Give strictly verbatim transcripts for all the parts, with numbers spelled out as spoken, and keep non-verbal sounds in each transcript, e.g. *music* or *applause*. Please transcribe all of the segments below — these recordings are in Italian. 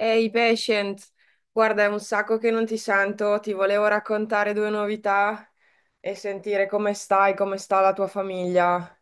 Ehi, patient, guarda, è un sacco che non ti sento, ti volevo raccontare due novità e sentire come stai, come sta la tua famiglia.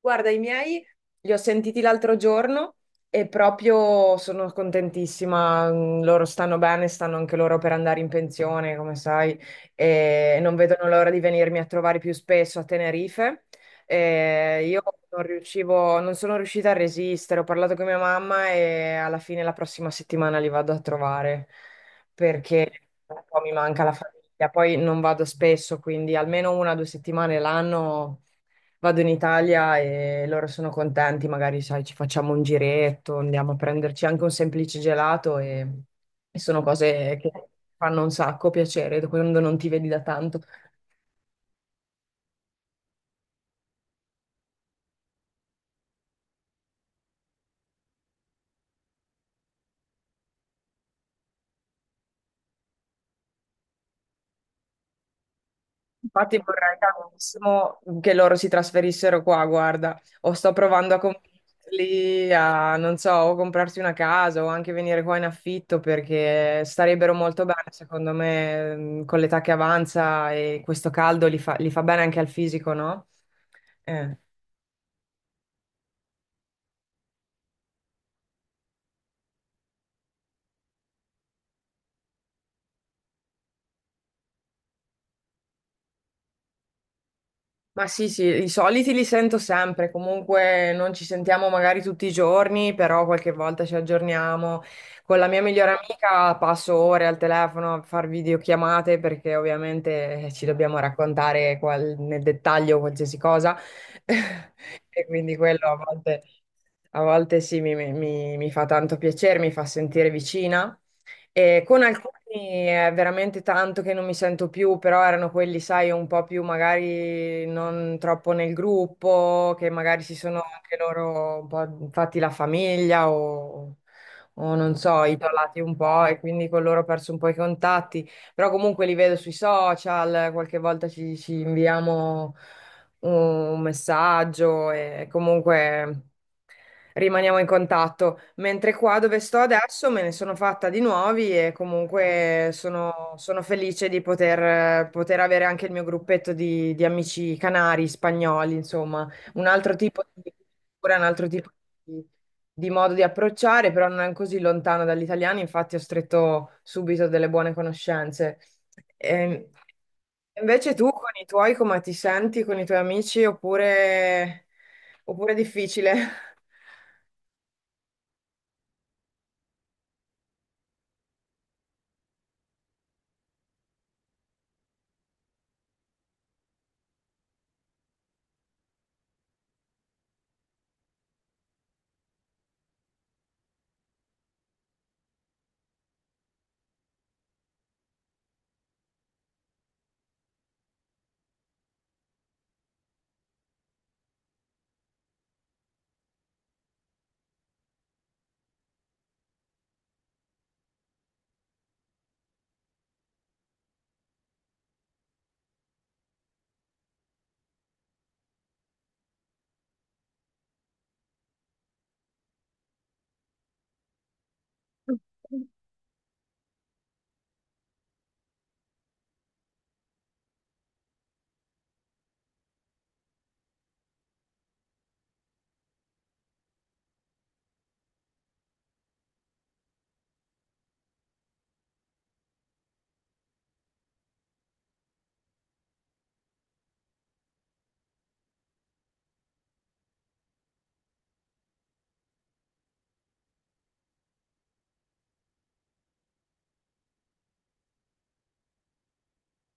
Guarda, i miei li ho sentiti l'altro giorno e proprio sono contentissima. Mm, Loro stanno bene, stanno anche loro per andare in pensione, come sai, e non vedono l'ora di venirmi a trovare più spesso a Tenerife. E io non riuscivo, non sono riuscita a resistere. Ho parlato con mia mamma e alla fine la prossima settimana li vado a trovare perché un po' mi manca la famiglia. Poi non vado spesso, quindi almeno una o due settimane l'anno. Vado in Italia e loro sono contenti, magari sai, ci facciamo un giretto, andiamo a prenderci anche un semplice gelato e, e sono cose che fanno un sacco piacere quando non ti vedi da tanto. Infatti vorrei tantissimo che loro si trasferissero qua, guarda, o sto provando a convincerli a, non so, o comprarsi una casa o anche venire qua in affitto perché starebbero molto bene, secondo me, mm, con l'età che avanza e questo caldo li fa, li fa bene anche al fisico, no? Eh. Ma sì, sì, i soliti li sento sempre, comunque non ci sentiamo magari tutti i giorni, però qualche volta ci aggiorniamo. Con la mia migliore amica passo ore al telefono a far videochiamate perché ovviamente eh, ci dobbiamo raccontare qual- nel dettaglio qualsiasi cosa *laughs* e quindi quello a volte, a volte sì mi mi- mi mi fa tanto piacere, mi fa sentire vicina. E con alcuni è veramente tanto che non mi sento più, però erano quelli, sai, un po' più magari non troppo nel gruppo, che magari si sono anche loro un po' fatti la famiglia o, o non so, isolati un po' e quindi con loro ho perso un po' i contatti, però comunque li vedo sui social, qualche volta ci, ci inviamo un messaggio e comunque rimaniamo in contatto. Mentre qua dove sto adesso me ne sono fatta di nuovi e comunque sono, sono felice di poter, poter avere anche il mio gruppetto di, di amici canari, spagnoli, insomma, un altro tipo di cultura, un altro tipo di, di modo di approcciare, però non così lontano dall'italiano, infatti ho stretto subito delle buone conoscenze. Ehm, Invece tu con i tuoi come ti senti, con i tuoi amici, oppure, oppure è difficile? *laughs*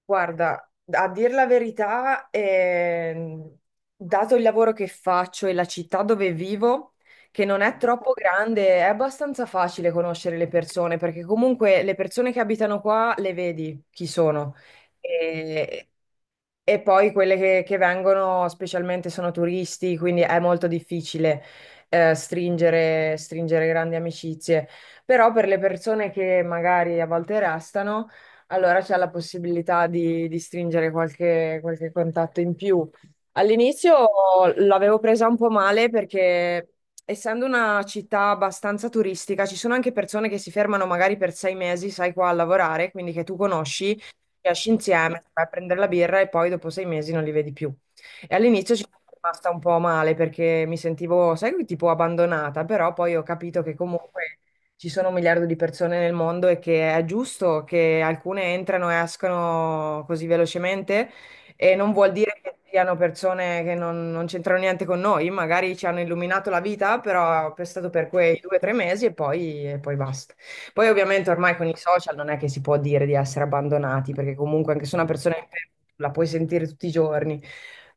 Guarda, a dir la verità, ehm, dato il lavoro che faccio e la città dove vivo, che non è troppo grande, è abbastanza facile conoscere le persone, perché comunque le persone che abitano qua le vedi chi sono. E, e poi quelle che, che vengono specialmente sono turisti, quindi è molto difficile, eh, stringere, stringere grandi amicizie. Però per le persone che magari a volte restano allora c'è la possibilità di, di stringere qualche, qualche contatto in più. All'inizio l'avevo presa un po' male perché, essendo una città abbastanza turistica, ci sono anche persone che si fermano magari per sei mesi, sai, qua a lavorare, quindi che tu conosci, che esci insieme, vai a prendere la birra e poi dopo sei mesi non li vedi più. E all'inizio ci sono rimasta un po' male perché mi sentivo, sai, tipo abbandonata, però poi ho capito che comunque ci sono un miliardo di persone nel mondo e che è giusto che alcune entrano e escano così velocemente e non vuol dire che siano persone che non, non c'entrano niente con noi, magari ci hanno illuminato la vita, però è stato per quei due o tre mesi e poi, e poi basta. Poi ovviamente ormai con i social non è che si può dire di essere abbandonati, perché comunque anche se una persona è inferma, la puoi sentire tutti i giorni,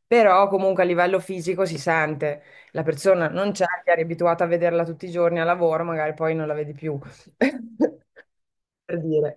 però comunque a livello fisico si sente. La persona non c'è, che eri abituata a vederla tutti i giorni al lavoro, magari poi non la vedi più, *laughs* per dire.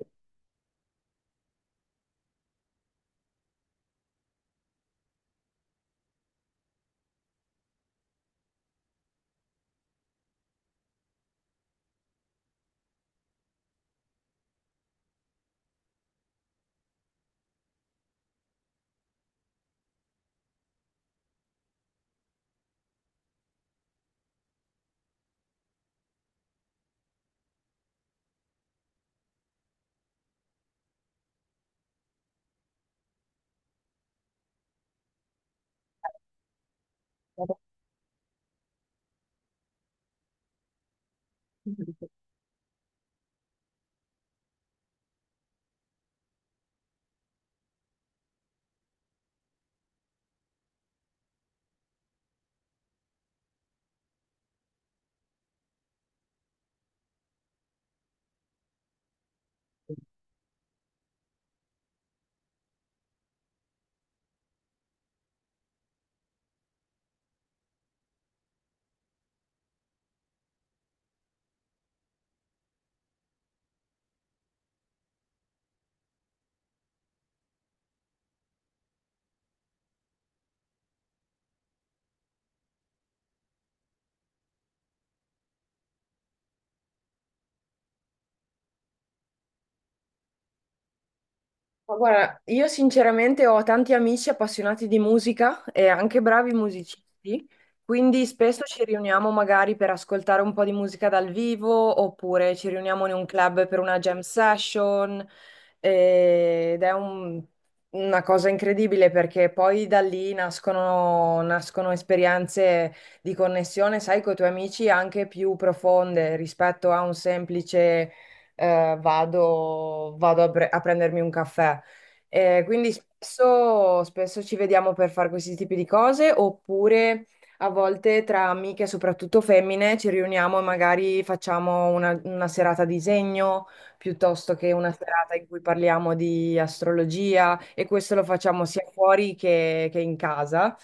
Ma guarda, io sinceramente ho tanti amici appassionati di musica e anche bravi musicisti, quindi spesso ci riuniamo magari per ascoltare un po' di musica dal vivo oppure ci riuniamo in un club per una jam session eh, ed è un- una cosa incredibile perché poi da lì nascono, nascono esperienze di connessione, sai, con i tuoi amici anche più profonde rispetto a un semplice eh, vado, vado a, pre- a prendermi un caffè. Eh, quindi spesso, spesso ci vediamo per fare questi tipi di cose, oppure a volte tra amiche, soprattutto femmine, ci riuniamo e magari facciamo una, una serata a disegno piuttosto che una serata in cui parliamo di astrologia e questo lo facciamo sia fuori che, che in casa.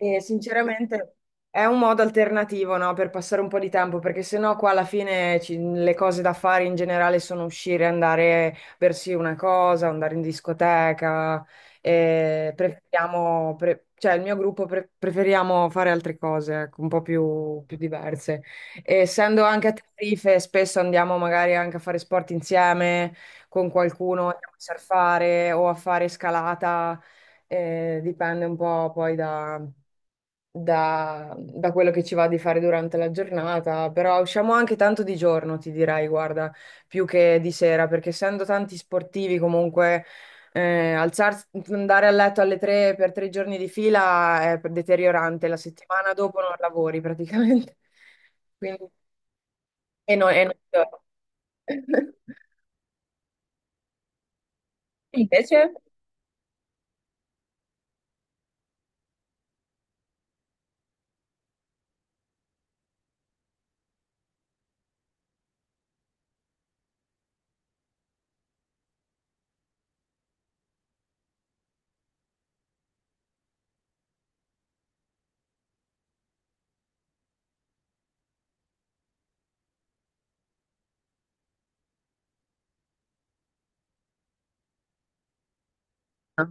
E sinceramente è un modo alternativo, no, per passare un po' di tempo, perché sennò qua alla fine ci- le cose da fare in generale sono uscire, andare a bersi una cosa, andare in discoteca, e preferiamo, pre- cioè il mio gruppo pre- preferiamo fare altre cose, ecco, un po' più, più diverse. E essendo anche a Tenerife, spesso andiamo magari anche a fare sport insieme con qualcuno, andiamo a surfare o a fare scalata, eh, dipende un po' poi da da, da quello che ci va di fare durante la giornata, però usciamo anche tanto di giorno, ti dirai, guarda, più che di sera, perché essendo tanti sportivi comunque eh, alzarsi, andare a letto alle tre per tre giorni di fila è deteriorante, la settimana dopo non lavori praticamente. *laughs* Quindi, e no- e non. *laughs* Invece? Ah.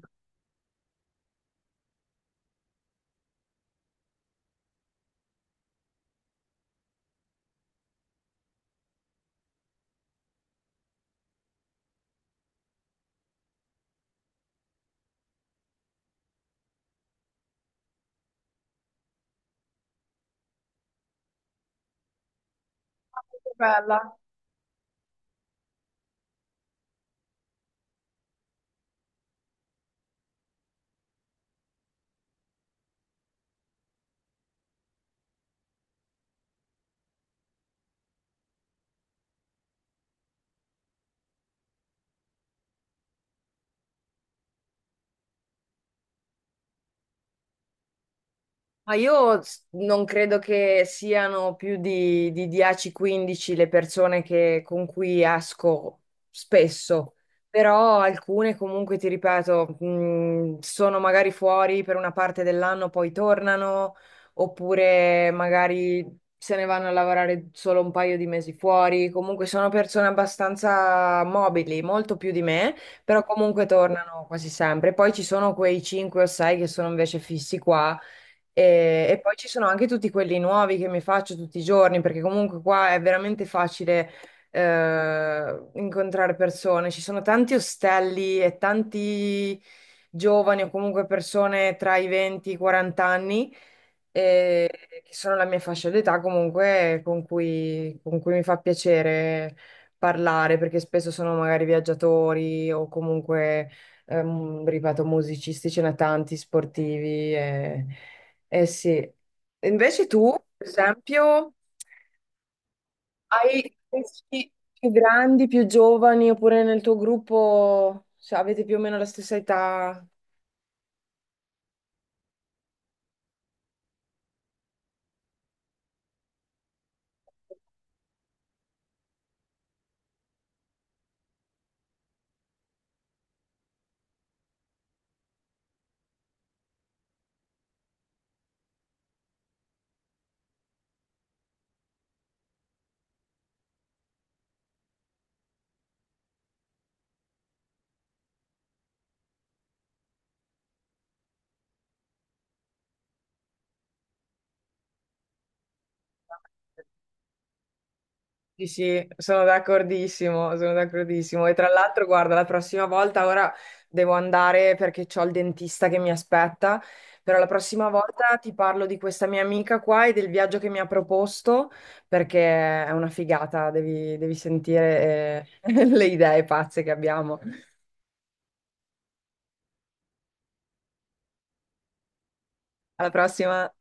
Bella. Ma io s- non credo che siano più di, di dieci, quindici le persone che- con cui esco spesso, però alcune comunque, ti ripeto, mh, sono magari fuori per una parte dell'anno, poi tornano, oppure magari se ne vanno a lavorare solo un paio di mesi fuori. Comunque sono persone abbastanza mobili, molto più di me, però comunque tornano quasi sempre. Poi ci sono quei cinque o sei che sono invece fissi qua e, e poi ci sono anche tutti quelli nuovi che mi faccio tutti i giorni, perché comunque qua è veramente facile eh, incontrare persone. Ci sono tanti ostelli e tanti giovani o comunque persone tra i venti e i quaranta anni, eh, che sono la mia fascia d'età comunque con cui, con cui mi fa piacere parlare, perché spesso sono magari viaggiatori o comunque, ehm, ripeto, musicisti, ce ne tanti, sportivi. E- eh sì. Invece tu, per esempio, hai amici più grandi, più giovani, oppure nel tuo gruppo, cioè, avete più o meno la stessa età? Sì, sì, sono d'accordissimo, sono d'accordissimo. E tra l'altro, guarda, la prossima volta, ora devo andare perché ho il dentista che mi aspetta, però la prossima volta ti parlo di questa mia amica qua e del viaggio che mi ha proposto, perché è una figata, devi, devi sentire eh, *laughs* le idee pazze che abbiamo. Alla prossima.